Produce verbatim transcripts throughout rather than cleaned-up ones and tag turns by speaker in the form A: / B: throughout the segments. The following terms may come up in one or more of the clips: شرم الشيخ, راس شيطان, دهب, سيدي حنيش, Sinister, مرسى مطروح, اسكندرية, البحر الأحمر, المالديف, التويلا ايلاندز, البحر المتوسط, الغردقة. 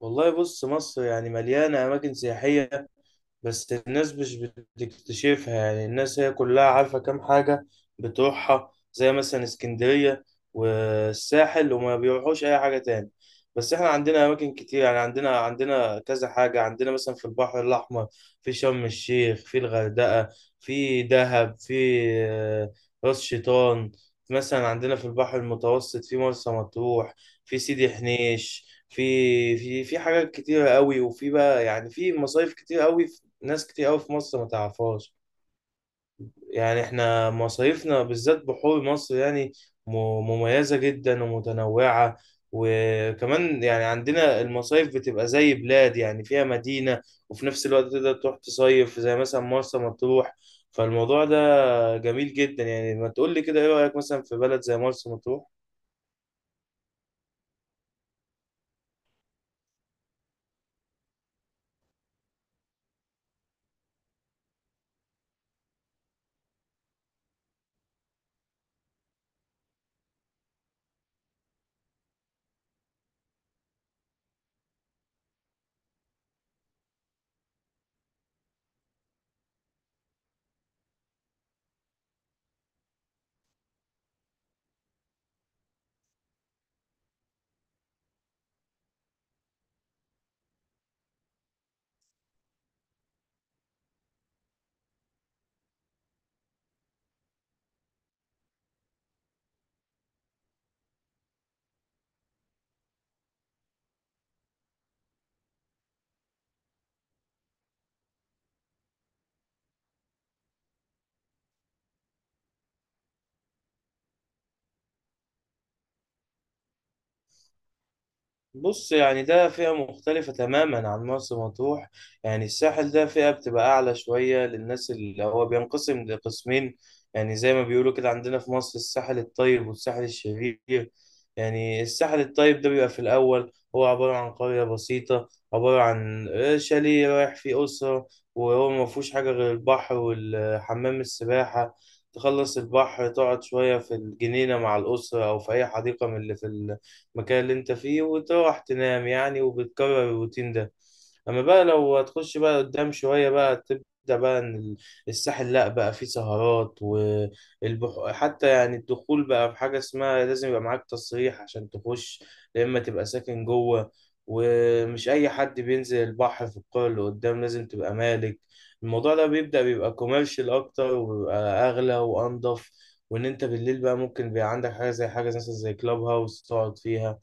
A: والله بص، مصر يعني مليانة أماكن سياحية، بس الناس مش بتكتشفها. يعني الناس هي كلها عارفة كام حاجة بتروحها زي مثلا اسكندرية والساحل، وما بيروحوش أي حاجة تاني. بس احنا عندنا أماكن كتير، يعني عندنا عندنا كذا حاجة. عندنا مثلا في البحر الأحمر، في شرم الشيخ، في الغردقة، في دهب، في آه، راس شيطان. مثلا عندنا في البحر المتوسط في مرسى مطروح، في سيدي حنيش، في في في حاجات كتيرة قوي، وفي بقى يعني في مصايف كتير قوي، ناس كتير قوي في مصر ما تعرفهاش. يعني احنا مصايفنا بالذات بحور مصر يعني م- مميزة جدا ومتنوعة. وكمان يعني عندنا المصايف بتبقى زي بلاد، يعني فيها مدينة وفي نفس الوقت تقدر تروح تصيف، زي مثلا مرسى مطروح. فالموضوع ده جميل جدا. يعني ما تقول لي كده، ايه رأيك مثلا في بلد زي مرسى مطروح؟ بص، يعني ده فئة مختلفة تماما عن مرسى مطروح. يعني الساحل ده فئة بتبقى أعلى شوية للناس، اللي هو بينقسم لقسمين. يعني زي ما بيقولوا كده، عندنا في مصر الساحل الطيب والساحل الشرير. يعني الساحل الطيب ده بيبقى في الأول هو عبارة عن قرية بسيطة، عبارة عن شاليه رايح فيه أسرة، وهو ما فيهوش حاجة غير البحر والحمام السباحة. تخلص البحر، تقعد شوية في الجنينة مع الأسرة أو في أي حديقة من اللي في المكان اللي انت فيه، وتروح تنام يعني، وبتكرر الروتين ده. اما بقى لو هتخش بقى قدام شوية، بقى تبدأ بقى ان ال- الساحل لا بقى فيه سهرات، والبحر حتى يعني الدخول بقى في حاجة اسمها لازم يبقى معاك تصريح عشان تخش، يا اما تبقى ساكن جوه. ومش اي حد بينزل البحر في القرى اللي قدام، لازم تبقى مالك. الموضوع ده بيبدأ بيبقى كوميرشال اكتر، وبيبقى اغلى وانضف. وان انت بالليل بقى ممكن بيبقى عندك حاجه، زي حاجه مثلا زي كلاب هاوس تقعد فيها،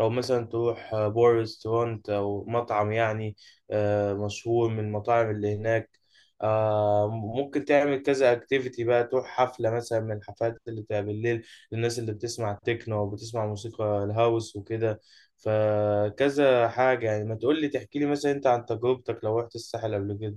A: او مثلا تروح آه، بار ريستورانت او مطعم، يعني آه، مشهور من المطاعم اللي هناك. آه، ممكن تعمل كذا اكتيفيتي بقى، تروح حفله مثلا من الحفلات اللي بتبقى بالليل للناس اللي بتسمع تكنو او بتسمع موسيقى الهاوس وكده. فكذا حاجه، يعني ما تقول لي تحكي لي مثلا انت عن تجربتك لو رحت الساحل قبل كده.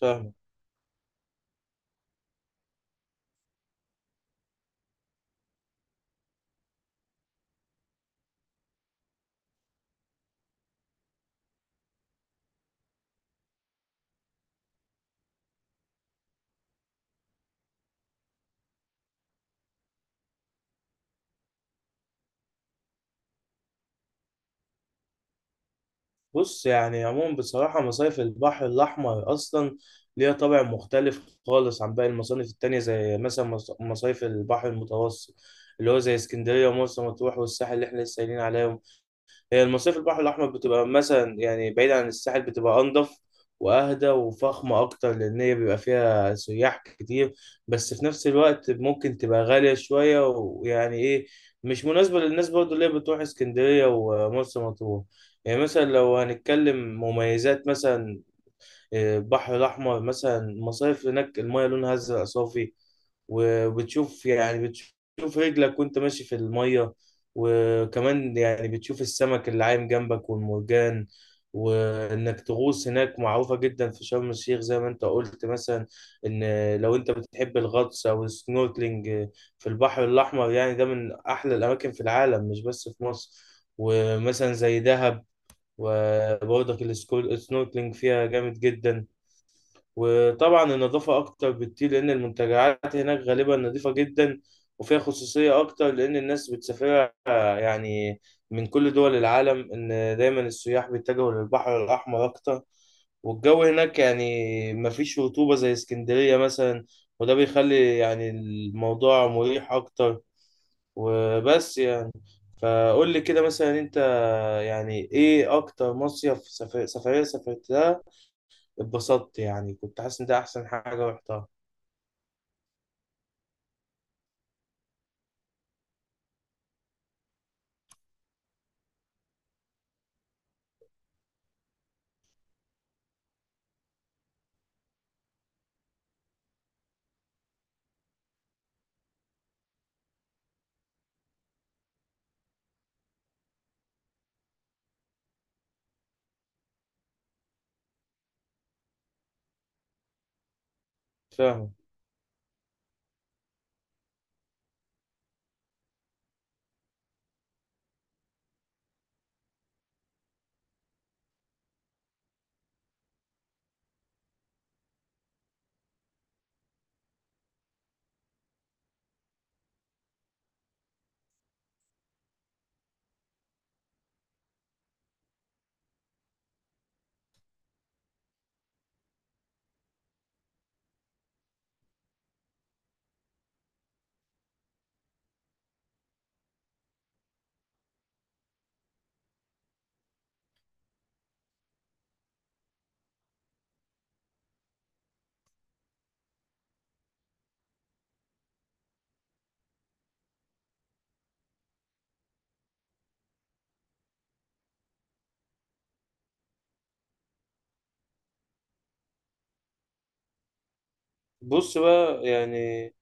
A: فاهم. بص، يعني عموما بصراحة مصايف البحر الأحمر أصلا ليها طابع مختلف خالص عن باقي المصايف التانية، زي مثلا مص- مصايف البحر المتوسط اللي هو زي اسكندرية ومرسى مطروح والساحل اللي احنا لسه قايلين عليه. هي المصيف البحر الأحمر بتبقى مثلا يعني بعيد عن الساحل، بتبقى أنضف وأهدى وفخمة أكتر، لأن هي بيبقى فيها سياح كتير. بس في نفس الوقت ممكن تبقى غالية شوية، ويعني إيه، مش مناسبة للناس برضو اللي هي بتروح اسكندرية ومرسى مطروح. يعني مثلا لو هنتكلم مميزات، مثلا البحر الأحمر مثلا المصايف هناك المايه لونها أزرق صافي، وبتشوف يعني بتشوف رجلك وانت ماشي في المية. وكمان يعني بتشوف السمك اللي عايم جنبك والمرجان، وانك تغوص هناك معروفة جدا في شرم الشيخ، زي ما انت قلت مثلا. ان لو انت بتحب الغطس او السنوركلينج في البحر الاحمر، يعني ده من احلى الاماكن في العالم، مش بس في مصر. ومثلا زي دهب، وبرضك السنوركلينج فيها جامد جدا. وطبعا النظافة أكتر بكتير، لأن المنتجعات هناك غالبا نظيفة جدا، وفيها خصوصية أكتر لأن الناس بتسافرها يعني من كل دول العالم. إن دايما السياح بيتجهوا للبحر الأحمر أكتر. والجو هناك يعني مفيش رطوبة زي اسكندرية مثلا، وده بيخلي يعني الموضوع مريح أكتر. وبس يعني، فقول لي كده مثلا أنت، يعني إيه أكتر مصيف سفر- سفرية سافرتها، اتبسطت يعني كنت حاسس ان ده احسن حاجه رحتها؟ فاهم. بص بقى يعني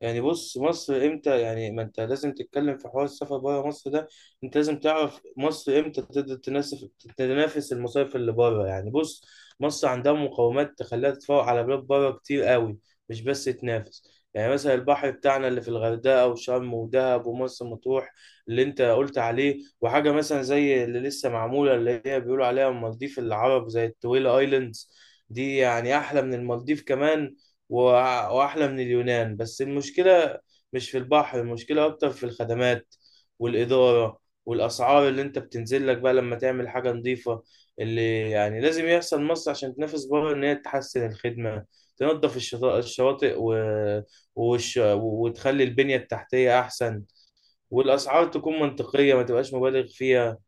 A: يعني بص مصر امتى، يعني ما انت لازم تتكلم في حوار السفر بره مصر ده، انت لازم تعرف مصر امتى تقدر تنافس، تنافس المصايف اللي بره. يعني بص، مصر عندها مقومات تخليها تتفوق على بلاد بره كتير قوي، مش بس تنافس. يعني مثلا البحر بتاعنا اللي في الغردقه وشرم ودهب ومرسى مطروح اللي انت قلت عليه، وحاجه مثلا زي اللي لسه معموله اللي هي بيقولوا عليها المالديف العرب، زي التويلا ايلاندز. دي يعني احلى من المالديف كمان، وأ- وأحلى من اليونان. بس المشكلة مش في البحر، المشكلة أكتر في الخدمات والإدارة والأسعار، اللي أنت بتنزل لك بقى لما تعمل حاجة نظيفة. اللي يعني لازم يحصل مصر عشان تنافس بره، إن هي تحسن الخدمة، تنظف الشطا- الشواطئ و... وش... وتخلي البنية التحتية أحسن، والأسعار تكون منطقية، ما تبقاش مبالغ فيها.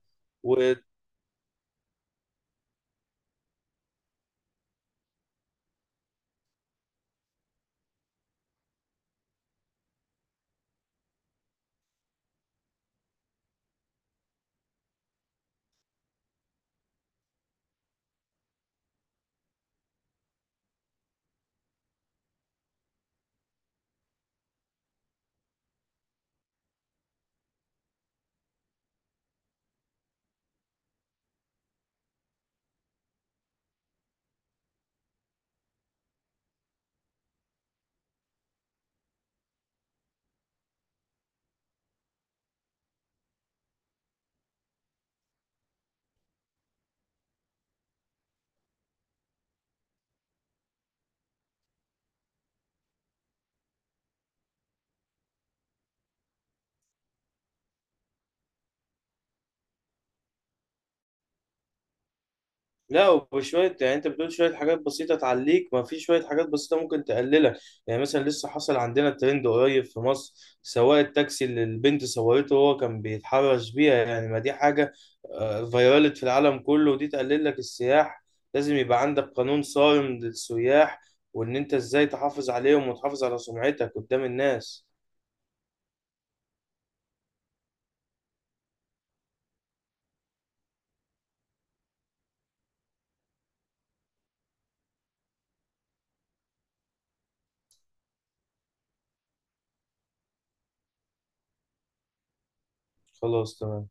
A: لا، وشوية يعني انت بتقول شوية حاجات بسيطة تعليك، ما في شوية حاجات بسيطة ممكن تقللك. يعني مثلا لسه حصل عندنا ترند قريب في مصر، سواق التاكسي اللي البنت صورته وهو كان بيتحرش بيها. يعني ما دي حاجة آه، فيرالت في العالم كله، ودي تقلل لك السياح. لازم يبقى عندك قانون صارم للسياح، وان انت ازاي تحافظ عليهم وتحافظ على سمعتك قدام الناس. خلاص، تمام.